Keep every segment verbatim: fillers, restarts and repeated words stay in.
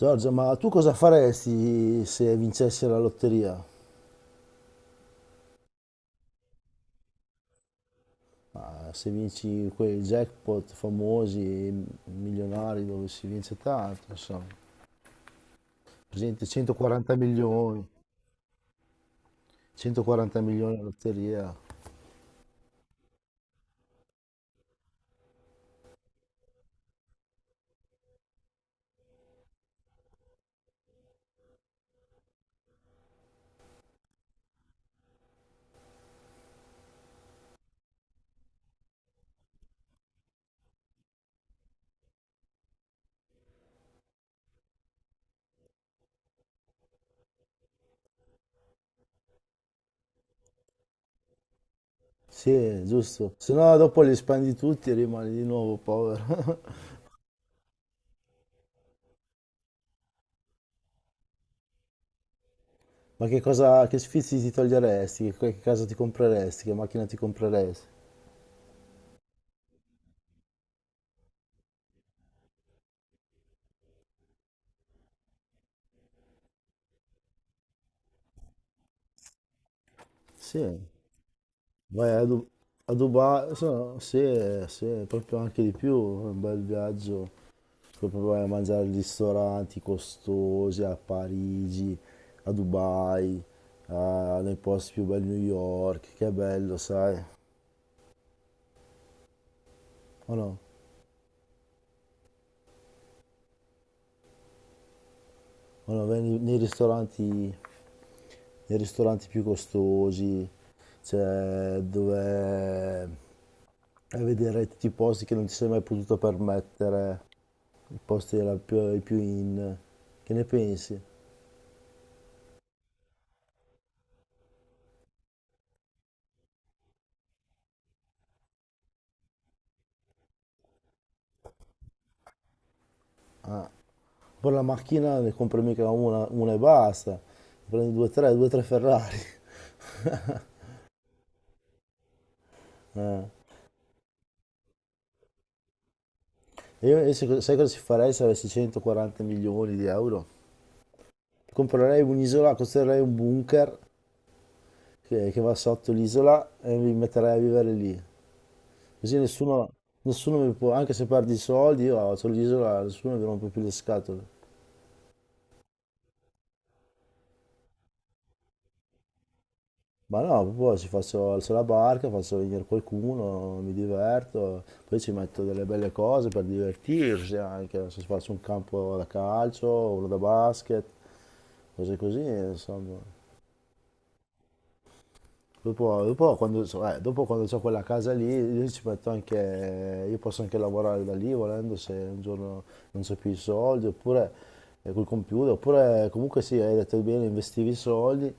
Giorgia, ma tu cosa faresti se vincessi la lotteria? Ma se vinci quei jackpot famosi, milionari, dove si vince tanto, insomma. Per esempio centoquaranta milioni, centoquaranta milioni la lotteria. Sì, giusto. Se no dopo li spendi tutti e rimani di nuovo povero. Ma che cosa, che sfizi ti toglieresti? Che, che casa ti compreresti? Che macchina ti compreresti? Sì. Vai a, Du- A Dubai, se no, se, se proprio anche di più, un bel viaggio, puoi proprio vai a mangiare in ristoranti costosi a Parigi, a Dubai, a- nei posti più belli, New York, che è bello, sai? O no? O no, vai nei, nei ristoranti, nei ristoranti più costosi, cioè dove vai a vedere tutti i posti che non ti sei mai potuto permettere, i posti della più- i più in... Che ne pensi? Ah. Poi la macchina ne compro mica una, una e basta, prendo due o tre, due o tre Ferrari. Eh. Io invece co- sai cosa ci farei se avessi centoquaranta milioni di euro? Comprerei un'isola, costruirei un bunker che, che va sotto l'isola e mi metterei a vivere lì. Così nessuno, nessuno mi può, anche se perdi i soldi, io ho l'isola, nessuno mi rompe più le scatole. Ma no, proprio ci faccio, alzo la barca, faccio venire qualcuno, mi diverto, poi ci metto delle belle cose per divertirsi anche, non so, se faccio un campo da calcio, uno da basket, cose così, insomma. Dopo, dopo quando, so- eh, dopo quando ho quella casa lì, io ci metto anche, io posso anche lavorare da lì volendo, se un giorno non c'ho più i soldi, oppure eh, col computer, oppure comunque sì, hai detto bene, investivi i soldi,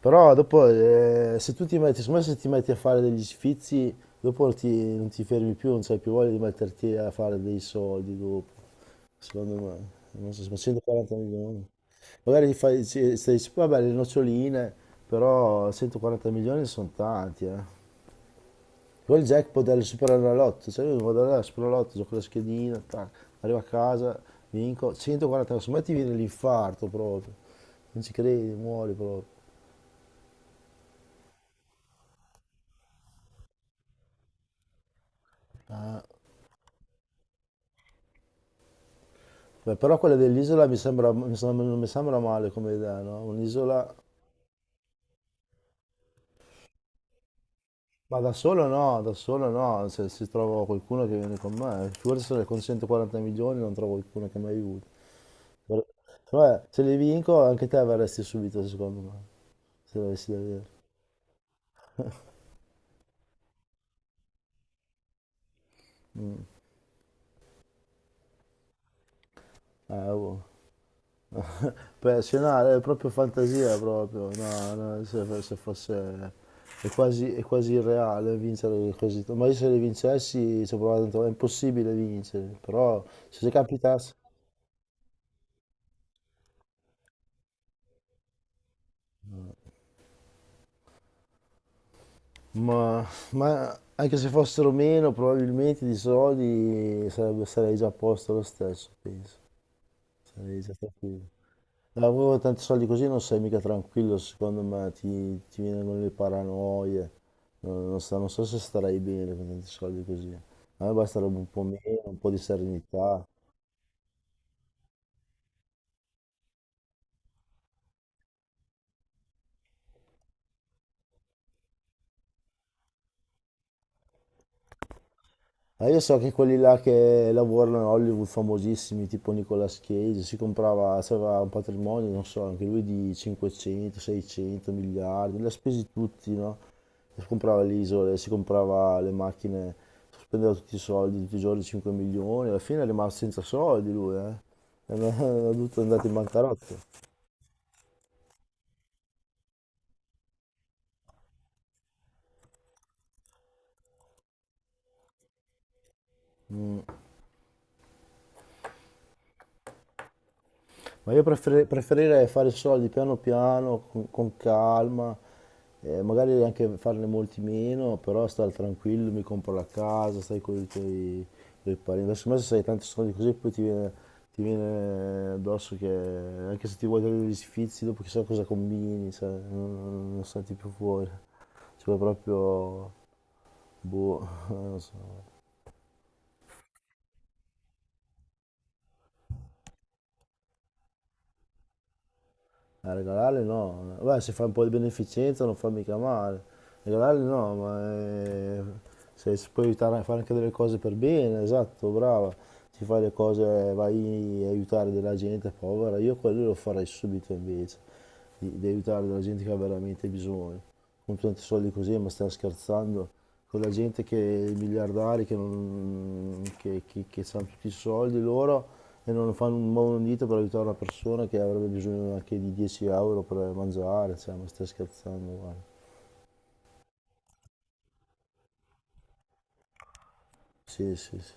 però dopo eh, se tu ti metti, secondo me, se ti metti a fare degli sfizi, dopo ti- non ti fermi più, non c'hai più voglia di metterti a fare dei soldi dopo. Secondo me, non so, ma centoquaranta milioni. Magari gli fai, sì, stai dici, vabbè, le noccioline, però centoquaranta milioni sono tanti, eh. Poi il jackpot del Superenalotto, cioè io vado là al Superenalotto, gioco la schedina, tac, arrivo a casa, vinco, centoquaranta, insomma ti viene l'infarto proprio, non ci credi, muori proprio. Beh, però quella dell'isola mi sembra, mi sembra- non mi sembra male come idea, no? Un'isola. Ma da solo no, da solo no, se, se trovo qualcuno che viene con me, figurati se ne consento quaranta milioni non trovo qualcuno che mi aiuti. Però. Vabbè, se li vinco anche te verresti subito secondo me, se l'avessi da dire. Eh, boh. Per scenare è proprio fantasia proprio, no, no, se, se fosse... È quasi, è quasi irreale vincere così. Ma io se li vincessi ci ho provato tanto, è impossibile vincere, però se capitasse... Ma, ma anche se fossero meno, probabilmente di soldi sarebbe- sarei già a posto lo stesso, penso. Sarei già tranquillo. Lavoro tanti soldi così non sei mica tranquillo, secondo me ti, ti vengono le paranoie. Non, non so, non so se starei bene con tanti soldi così. A me basterebbe un po' meno, un po' di serenità. Ah, io so che quelli là che lavorano a Hollywood famosissimi, tipo Nicolas Cage, si comprava, aveva un patrimonio, non so, anche lui di cinquecento, seicento miliardi, li ha spesi tutti, no? Si comprava le isole, si comprava le macchine, spendeva tutti i soldi, tutti i giorni cinque milioni, alla fine è rimasto senza soldi lui, eh? È dovuto andare in bancarotta. Ma io preferi- preferirei fare soldi piano piano, con, con calma, eh, magari anche farne molti meno, però stare tranquillo, mi compro la casa, stai con i tuoi tuoi parenti. Adesso me se hai tanti soldi così poi ti viene, ti viene addosso che anche se ti vuoi togliere gli sfizi, dopo chissà cosa combini, cioè, non, non, non senti più fuori. Cioè proprio, boh, non so. A regalarli no, beh se fai un po' di beneficenza non fa mica male, regalarli no, ma eh, se si può aiutare a fare anche delle cose per bene, esatto, brava, ti fai le cose, vai a aiutare della gente povera, io quello lo farei subito invece, di, di aiutare della gente che ha veramente bisogno con tanti soldi così, ma stai scherzando? Con la gente che i miliardari che, non, che, che, che hanno tutti i soldi loro e non fanno un muovono un dito per aiutare una persona che avrebbe bisogno anche di dieci euro per mangiare, cioè, ma stai scherzando? Guarda. Sì, sì, sì.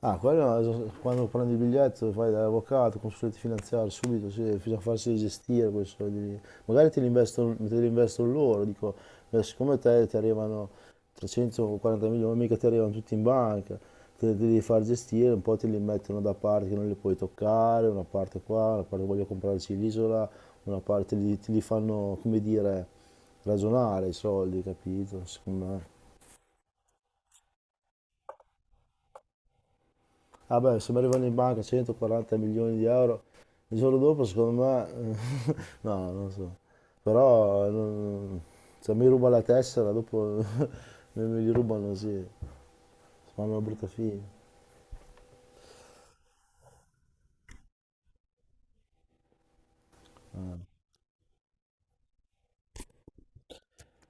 Ah, quello quando prendi il biglietto fai dall'avvocato, consulente finanziario, subito, sì, bisogna farsi gestire quei soldi lì. Magari te li investono, te li investono loro, dico, ma siccome te ti arrivano trecentoquaranta milioni, mica ti arrivano tutti in banca, te li devi far gestire, un po' te li mettono da parte che non li puoi toccare, una parte qua, una parte voglio comprarci l'isola, una parte li, ti li fanno, come dire, ragionare i soldi, capito? Secondo me. Vabbè, se mi arrivano in banca centoquaranta milioni di euro, il giorno dopo secondo me, no, non so, però non- se mi ruba la tessera dopo me me li rubano, sì, fanno una brutta fine.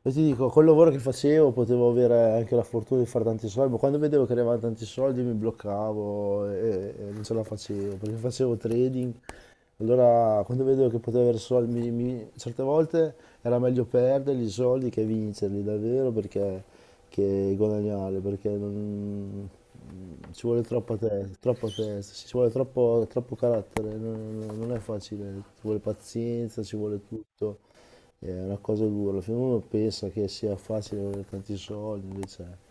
E ti dico, col lavoro che facevo potevo avere anche la fortuna di fare tanti soldi, ma quando vedevo che arrivavano tanti soldi mi bloccavo e, e non ce la facevo, perché facevo trading. Allora, quando vedevo che potevo avere soldi, mi- mi- certe volte era meglio perderli i soldi che vincerli davvero perché che guadagnare, perché non- mm, ci vuole troppa testa, troppa testa, ci vuole troppo, troppo carattere, non, non- non è facile, ci vuole pazienza, ci vuole tutto, è una cosa dura. Alla fine uno pensa che sia facile avere tanti soldi, invece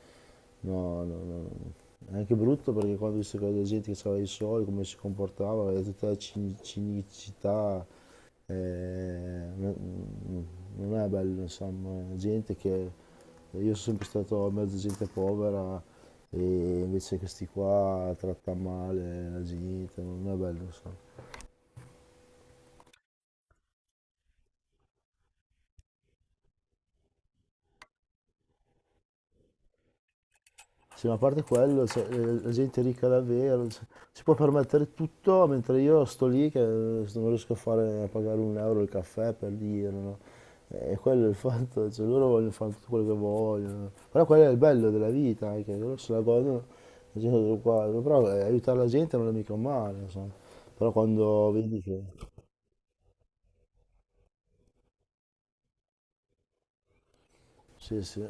no, no, no, no, no. È anche brutto perché quando ho visto che la gente che aveva i soldi, come si comportava, era tutta la cin- cinicità, eh, non non è bello, insomma, gente che... Io sono sempre stato in mezzo a gente povera e invece questi qua tratta male la gente, non è bello, insomma. Sì, ma a parte quello, cioè, eh, la gente è ricca davvero, cioè, si può permettere tutto, mentre io sto lì che eh, non riesco a, fare, a pagare un euro il caffè per dire, no? E quello è il fatto, cioè, loro vogliono fare tutto quello che vogliono. Però quello è il bello della vita, anche, loro se la godono, la gente sono qua. Però eh, aiutare la gente non è mica un male, insomma. Però quando vedi che, sì, sì,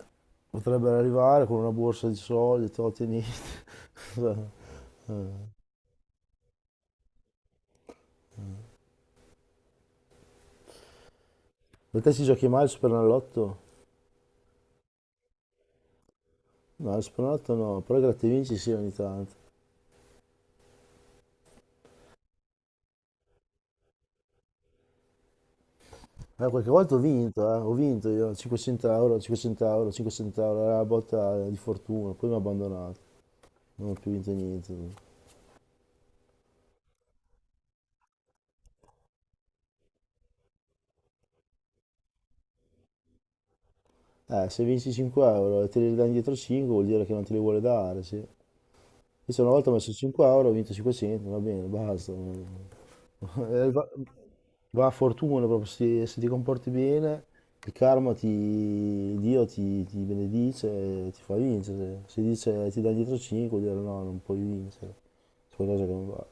potrebbero arrivare con una borsa di soldi, te lo tieni. Eh. Per te si giochi mai al Superenalotto? No, il Spronotto no, però gratta e vinci sì ogni tanto. Eh, qualche volta ho vinto, eh, ho vinto io, cinquecento euro, cinquecento euro, cinquecento euro, era la botta di fortuna, poi mi ha abbandonato, non ho più vinto niente. Eh, se vinci cinque euro e te li dai indietro cinque vuol dire che non te li vuole dare, sì. Io una volta ho messo cinque euro, ho vinto cinquecento, va bene, basta. Eh, va. Va a fortuna proprio se, se ti comporti bene, il karma ti, Dio ti, ti benedice e ti fa vincere. Se dice ti dà dietro cinque, vuol dire no, non puoi vincere. C'è qualcosa che non va.